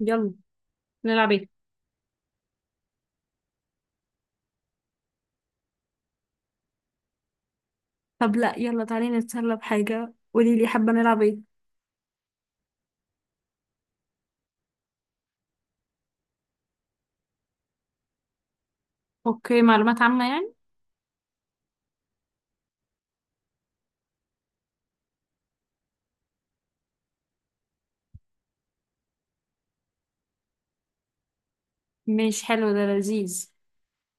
يلا. نلعب ايه؟ طب لا، يلا تعالي نتسلى بحاجة، قولي لي حابة نلعب ايه؟ اوكي، معلومات عامة يعني. مش حلو، ده لذيذ.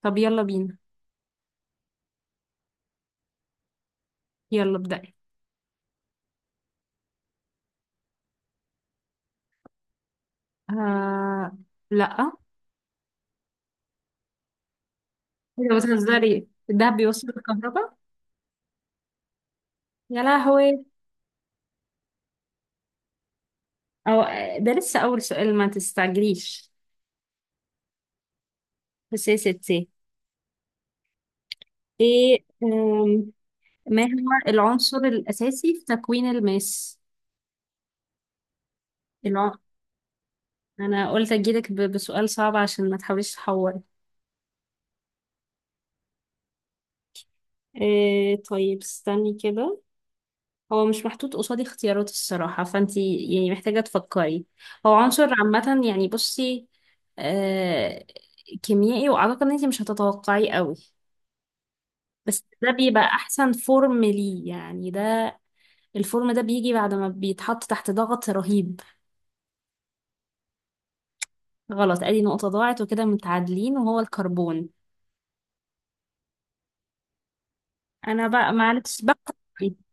طب يلا بينا. يلا ابدأي. آه. لا. ايه ده، بتهزري؟ الدهب بيوصل الكهرباء؟ يا لهوي. او. ده لسه اول سؤال، ما تستعجليش. بس يا ستي. ايه ما هو العنصر الاساسي في تكوين الماس؟ الع... انا قلت اجيلك بسؤال صعب عشان ما تحاوليش تحوري. إيه، طيب استني كده. هو مش محطوط قصادي اختيارات الصراحة، فانتي يعني محتاجة تفكري. هو عنصر عامة يعني، بصي. آه. كيميائي، واعتقد ان انتي مش هتتوقعيه قوي. بس ده بيبقى احسن فورم ليه يعني، ده الفورم ده بيجي بعد ما بيتحط تحت ضغط رهيب. غلط، ادي نقطة ضاعت وكده متعادلين، وهو الكربون. انا بقى معلش بقى.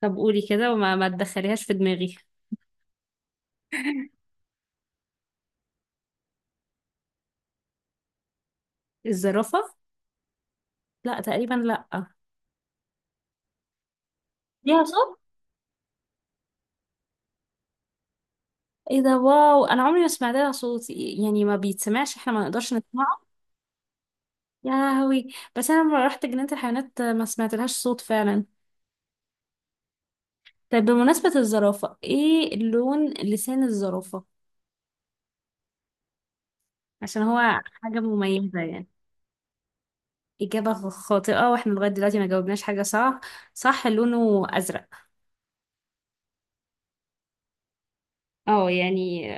طب قولي كده، وما ما تدخليهاش في دماغي. الزرافة. لا، تقريبا لا. ليها صوت. ايه ده، واو. انا عمري ما سمعت لها صوت، يعني ما بيتسمعش، احنا ما نقدرش نسمعه. يا لهوي. بس انا لما رحت جنينة الحيوانات ما سمعت لهاش صوت فعلا. طيب بمناسبة الزرافة، ايه لون لسان الزرافة؟ عشان هو حاجة مميزة يعني. إجابة خاطئة، واحنا لغاية دلوقتي ما جاوبناش حاجة صح. صح، لونه أزرق. اه يعني.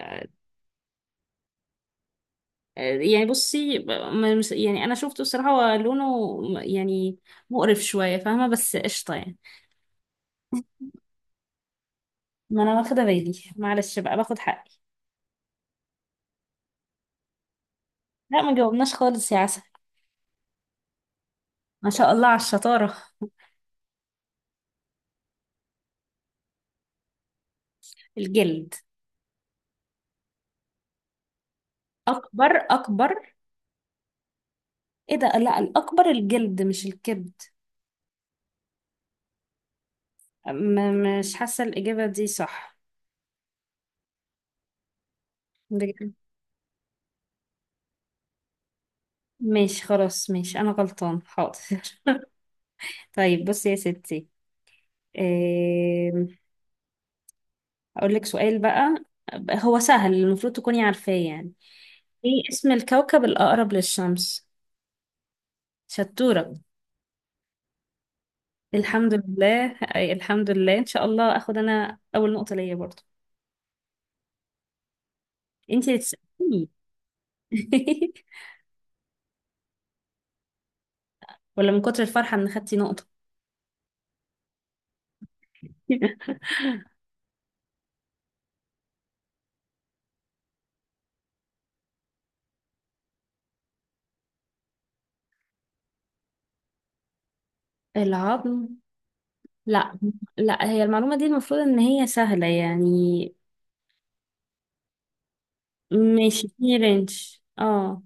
يعني بصي، يعني انا شفته الصراحة، هو لونه يعني مقرف شوية، فاهمة؟ بس قشطة يعني. ما انا واخدة بالي، معلش بقى باخد حقي. لا، ما جاوبناش خالص يا عسل. ما شاء الله على الشطارة. الجلد. أكبر أكبر. إيه ده، لا الأكبر الجلد مش الكبد. مش حاسة الإجابة دي صح. بجد؟ ماشي خلاص، ماشي، أنا غلطان، حاضر. طيب بصي يا ستي. إيه... أقول لك سؤال بقى. هو سهل، المفروض تكوني عارفاه يعني. إيه اسم الكوكب الأقرب للشمس؟ شطورة. الحمد لله، أي الحمد لله، إن شاء الله أخد أنا أول نقطة ليا برضو. انتي اللي تسأليني. ولا من كتر الفرحة ان خدتي نقطة؟ العظم. لا. لا، هي المعلومة دي المفروض ان هي سهلة يعني. ماشي، في رينج. اه.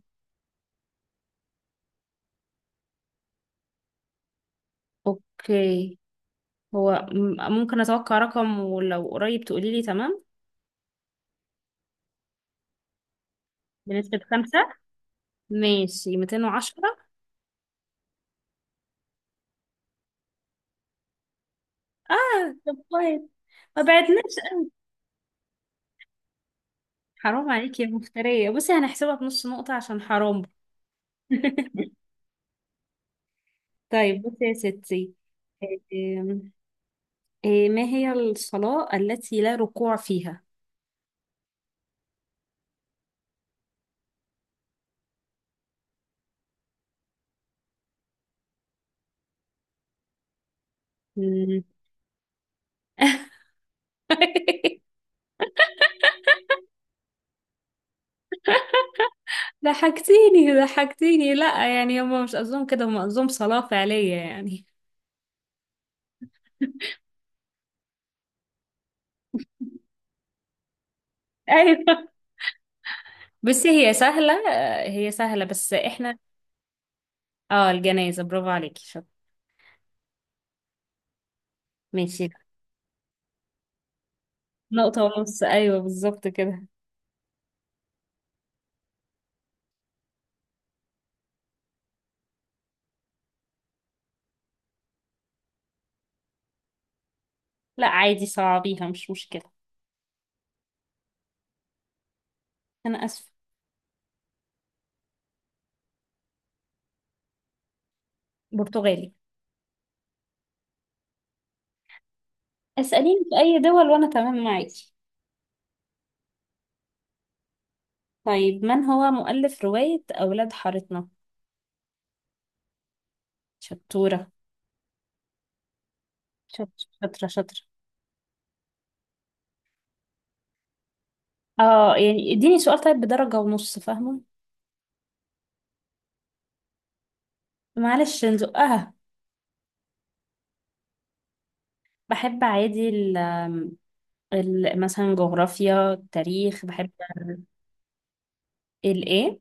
اوكي. هو ممكن اتوقع رقم ولو قريب تقولي لي تمام. بنسبة خمسة. ماشي، 210. اه طب كويس. ما بعدناش قوي. حرام عليكي يا مفترية، بصي هنحسبها بنص نقطة عشان حرام. طيب بصي يا ستي. إيه ما هي الصلاة التي لا ركوع فيها؟ مم. ضحكتيني ضحكتيني، لا يعني هم مش قصدهم كده، هم قصدهم صلاة فعلية يعني. ايوه. بس هي سهلة، هي سهلة بس احنا. اه، الجنازة، برافو عليكي، شاطر. ماشي. نقطة ونص، ايوه بالظبط كده. لا عادي، صعبيها مش مشكلة. انا اسفة. برتغالي. اسأليني في اي دول وانا تمام معاكي. طيب، من هو مؤلف رواية اولاد حارتنا؟ شطورة. شاطرة. شاطرة شاطرة. اه يعني، اديني سؤال طيب بدرجة ونص، فاهمة؟ معلش نزقها. بحب عادي، مثلا جغرافيا، التاريخ بحب. الايه؟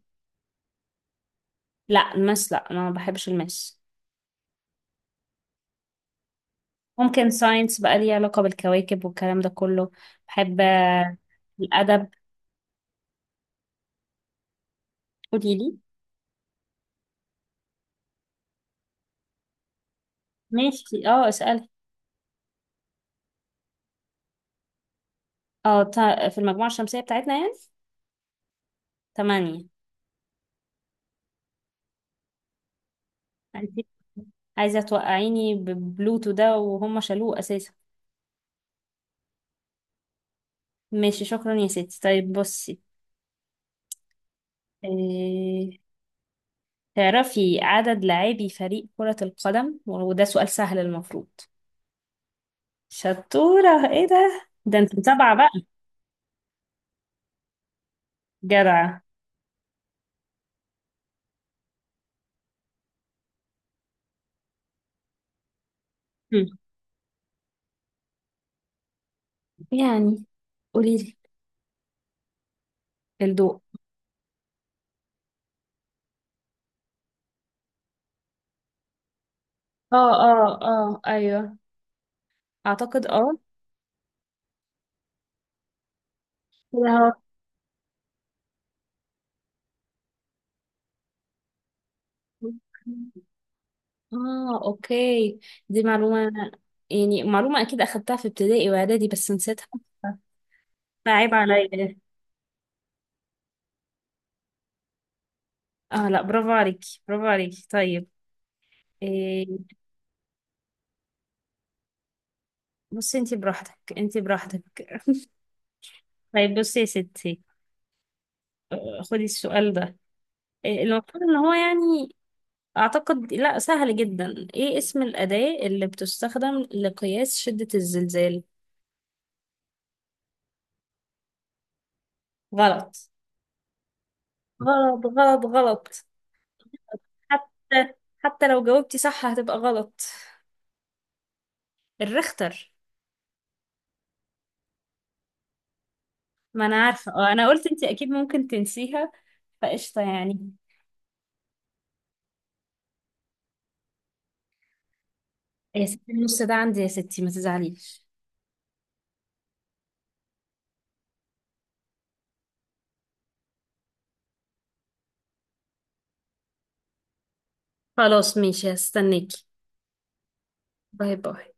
لا، الماس لا، انا ما بحبش الماس. ممكن ساينس بقى، ليه علاقة بالكواكب والكلام ده كله. بحب الأدب. قولي لي. ماشي اه، اسألي. اه، في المجموعة الشمسية بتاعتنا يعني. تمانية. عايزة عايزة توقعيني ببلوتو ده، وهم شالوه أساسا. ماشي شكرا يا ستي، طيب بصي. إيه... تعرفي عدد لاعبي فريق كرة القدم؟ وده سؤال سهل المفروض. شطورة، ايه ده، ده انت متابعة بقى. جدعة. هم، يعني. قوليلي. الضوء. اه اه اه ايوه. اعتقد اه. كده هو. اه، اوكي. دي معلومة. يعني معلومة اكيد اخدتها في ابتدائي واعدادي بس نسيتها. عيب عليا. اه لا، برافو عليكي، برافو عليكي. طيب. إيه؟ بصي انتي براحتك، انتي براحتك. طيب بصي يا ستي. خدي السؤال ده. إيه المفروض ان هو يعني، اعتقد لا سهل جدا، ايه اسم الأداة اللي بتستخدم لقياس شدة الزلزال؟ غلط. غلط غلط غلط. حتى حتى لو جاوبتي صح هتبقى غلط. الريختر. ما انا عارفة اه، انا قلت انتي اكيد ممكن تنسيها. فقشطة يعني. يا ستي النص ده عندي، يا ستي ما تزعليش. خلاص ماشي، هستناكي. باي باي.